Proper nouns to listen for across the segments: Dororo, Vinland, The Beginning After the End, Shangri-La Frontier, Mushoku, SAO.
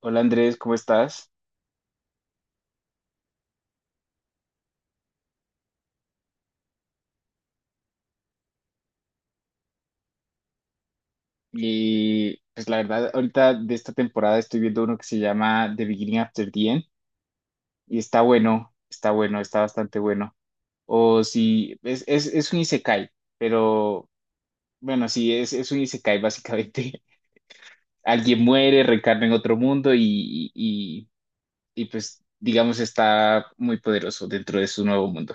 Hola Andrés, ¿cómo estás? Y pues la verdad, ahorita de esta temporada estoy viendo uno que se llama The Beginning After the End y está bueno, está bueno, está bastante bueno. O si es un isekai, pero bueno, sí, es un isekai básicamente. Alguien muere, reencarna en otro mundo y, y y, pues digamos está muy poderoso dentro de su nuevo mundo.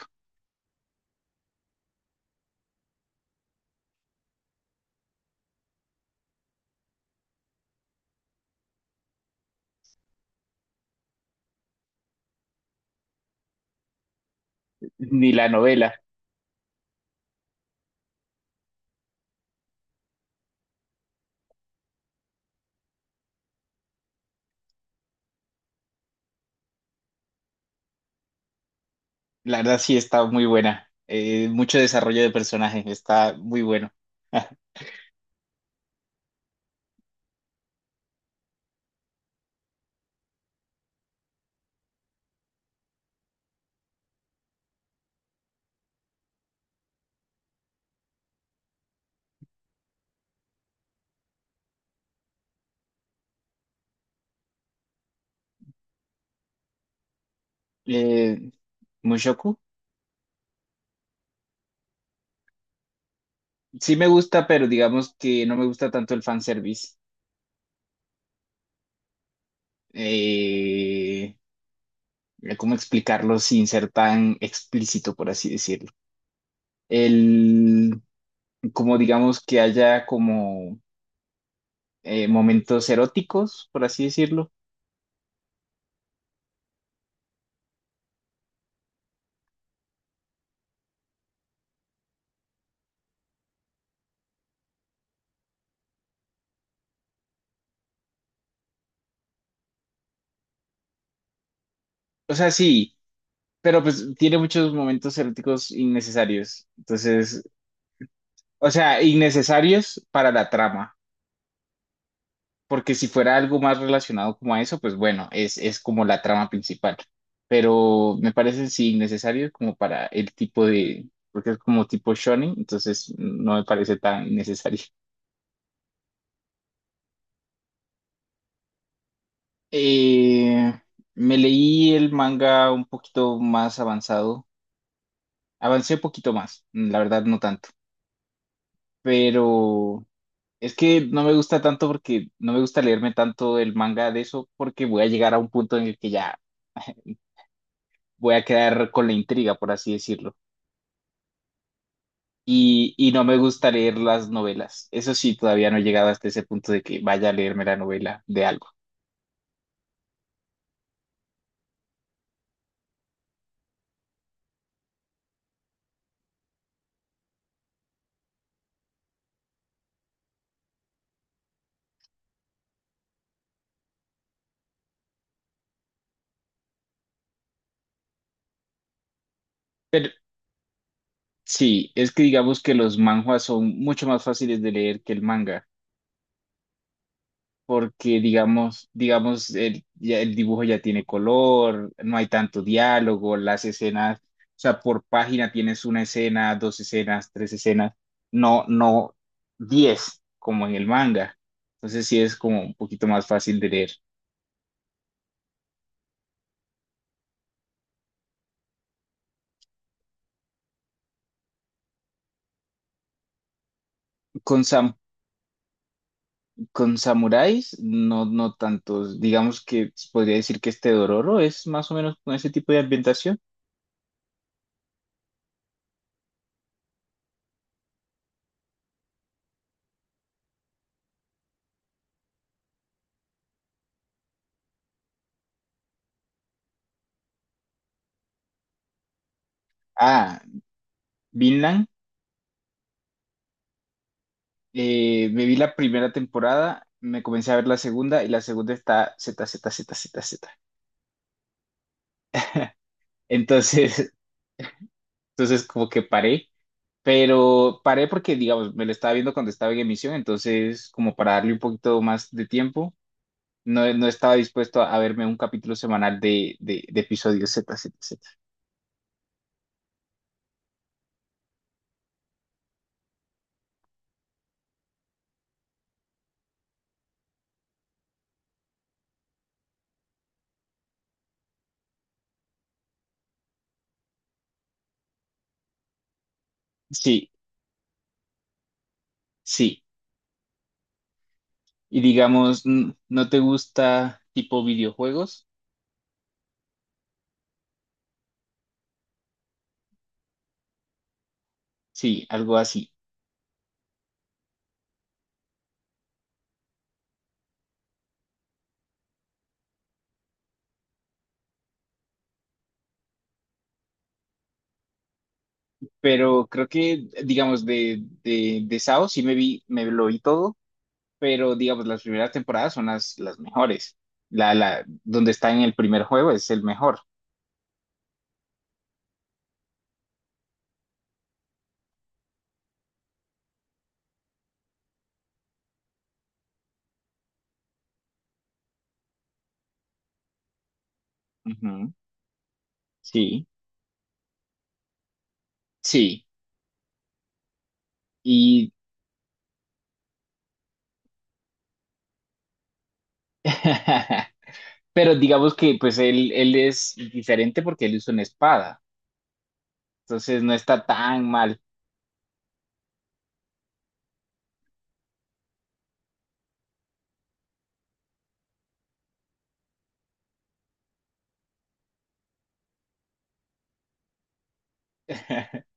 Ni la novela, la verdad sí está muy buena. Mucho desarrollo de personajes, está muy bueno. Eh, Mushoku. Sí me gusta, pero digamos que no me gusta tanto el fanservice. Eh, ¿Cómo explicarlo sin ser tan explícito, por así decirlo? El, Como digamos que haya como momentos eróticos, por así decirlo. O sea, sí, pero pues tiene muchos momentos eróticos innecesarios. Entonces, o sea, innecesarios para la trama. Porque si fuera algo más relacionado como a eso, pues bueno, es como la trama principal. Pero me parece sí innecesario como para el tipo de, porque es como tipo shonen, entonces no me parece tan innecesario. Eh, Me leí el manga un poquito más avanzado. Avancé un poquito más, la verdad no tanto. Pero es que no me gusta tanto porque no me gusta leerme tanto el manga de eso porque voy a llegar a un punto en el que ya voy a quedar con la intriga, por así decirlo. Y no me gusta leer las novelas. Eso sí, todavía no he llegado hasta ese punto de que vaya a leerme la novela de algo. Sí, es que digamos que los manhwas son mucho más fáciles de leer que el manga, porque digamos, el, ya el dibujo ya tiene color, no hay tanto diálogo, las escenas, o sea, por página tienes una escena, dos escenas, tres escenas, no, no diez, como en el manga. Entonces sí es como un poquito más fácil de leer. Con, sam- con samuráis, no, no tantos. Digamos que podría decir que este Dororo es más o menos con ese tipo de ambientación. Ah, Vinland. Me vi la primera temporada, me comencé a ver la segunda y la segunda está z z z z z. Entonces, entonces como que paré, pero paré porque, digamos, me lo estaba viendo cuando estaba en emisión, entonces como para darle un poquito más de tiempo, no, no estaba dispuesto a verme un capítulo semanal de, de episodios z Z, Z. Sí. Sí, y digamos, ¿no te gusta tipo videojuegos? Sí, algo así. Pero creo que, digamos, de SAO sí me vi, me lo vi todo, pero digamos, las primeras temporadas son las mejores. La donde está en el primer juego es el mejor. Ujú, sí, sí. Y, pero digamos que pues él es diferente porque él usa una espada, entonces no está tan mal.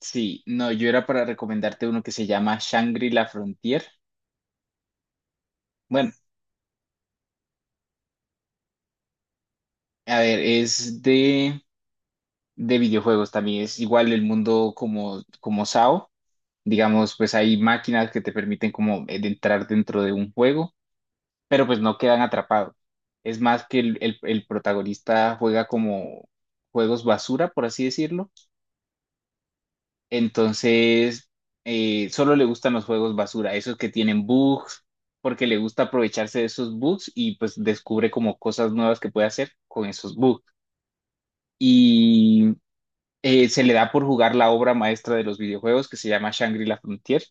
Sí, no, yo era para recomendarte uno que se llama Shangri-La Frontier. Bueno, a ver, es de videojuegos también, es igual el mundo como SAO. Digamos, pues hay máquinas que te permiten como de entrar dentro de un juego, pero pues no quedan atrapados. Es más que el, el protagonista juega como juegos basura, por así decirlo. Entonces, solo le gustan los juegos basura, esos que tienen bugs, porque le gusta aprovecharse de esos bugs y pues descubre como cosas nuevas que puede hacer con esos bugs. Y se le da por jugar la obra maestra de los videojuegos que se llama Shangri-La Frontier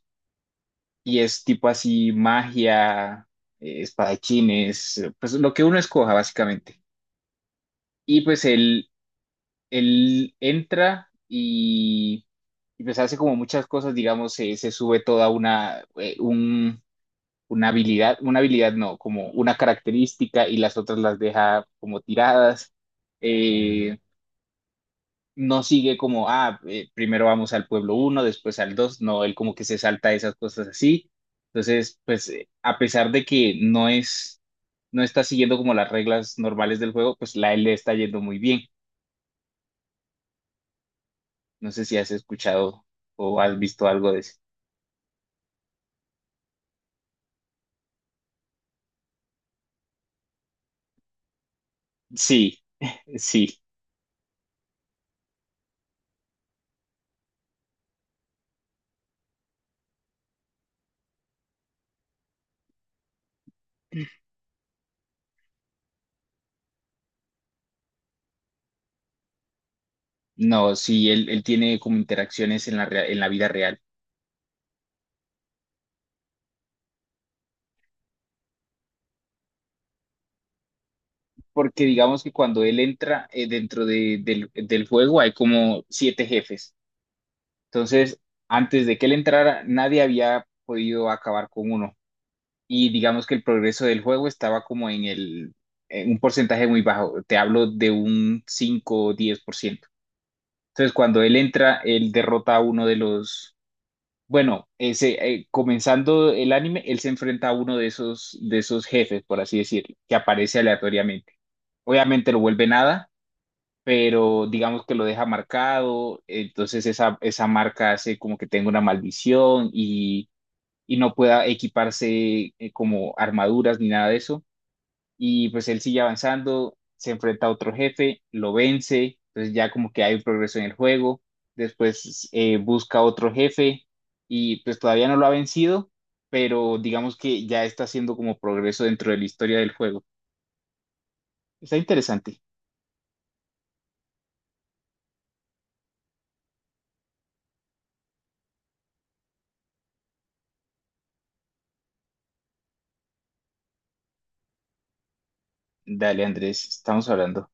y es tipo así magia, espadachines, pues lo que uno escoja básicamente. Y pues él entra y, pues hace como muchas cosas, digamos, se sube toda una, una habilidad no, como una característica y las otras las deja como tiradas. Eh, no sigue como, ah, primero vamos al pueblo uno después al 2 no, él como que se salta esas cosas así. Entonces, pues a pesar de que no es, no está siguiendo como las reglas normales del juego, pues la él le está yendo muy bien. No sé si has escuchado o has visto algo de eso. Sí, sí. No, sí, él tiene como interacciones en en la vida real. Porque digamos que cuando él entra dentro del juego hay como siete jefes. Entonces, antes de que él entrara, nadie había podido acabar con uno. Y digamos que el progreso del juego estaba como en el, en un porcentaje muy bajo. Te hablo de un 5 o 10%. Entonces, cuando él entra, él derrota a uno de los. Bueno, ese, comenzando el anime, él se enfrenta a uno de esos, jefes, por así decirlo, que aparece aleatoriamente. Obviamente lo vuelve nada, pero digamos que lo deja marcado, entonces esa marca hace como que tenga una maldición y no pueda equiparse como armaduras ni nada de eso y pues él sigue avanzando, se enfrenta a otro jefe, lo vence, entonces ya como que hay un progreso en el juego, después busca otro jefe y pues todavía no lo ha vencido, pero digamos que ya está haciendo como progreso dentro de la historia del juego. Está interesante. Dale, Andrés, estamos hablando.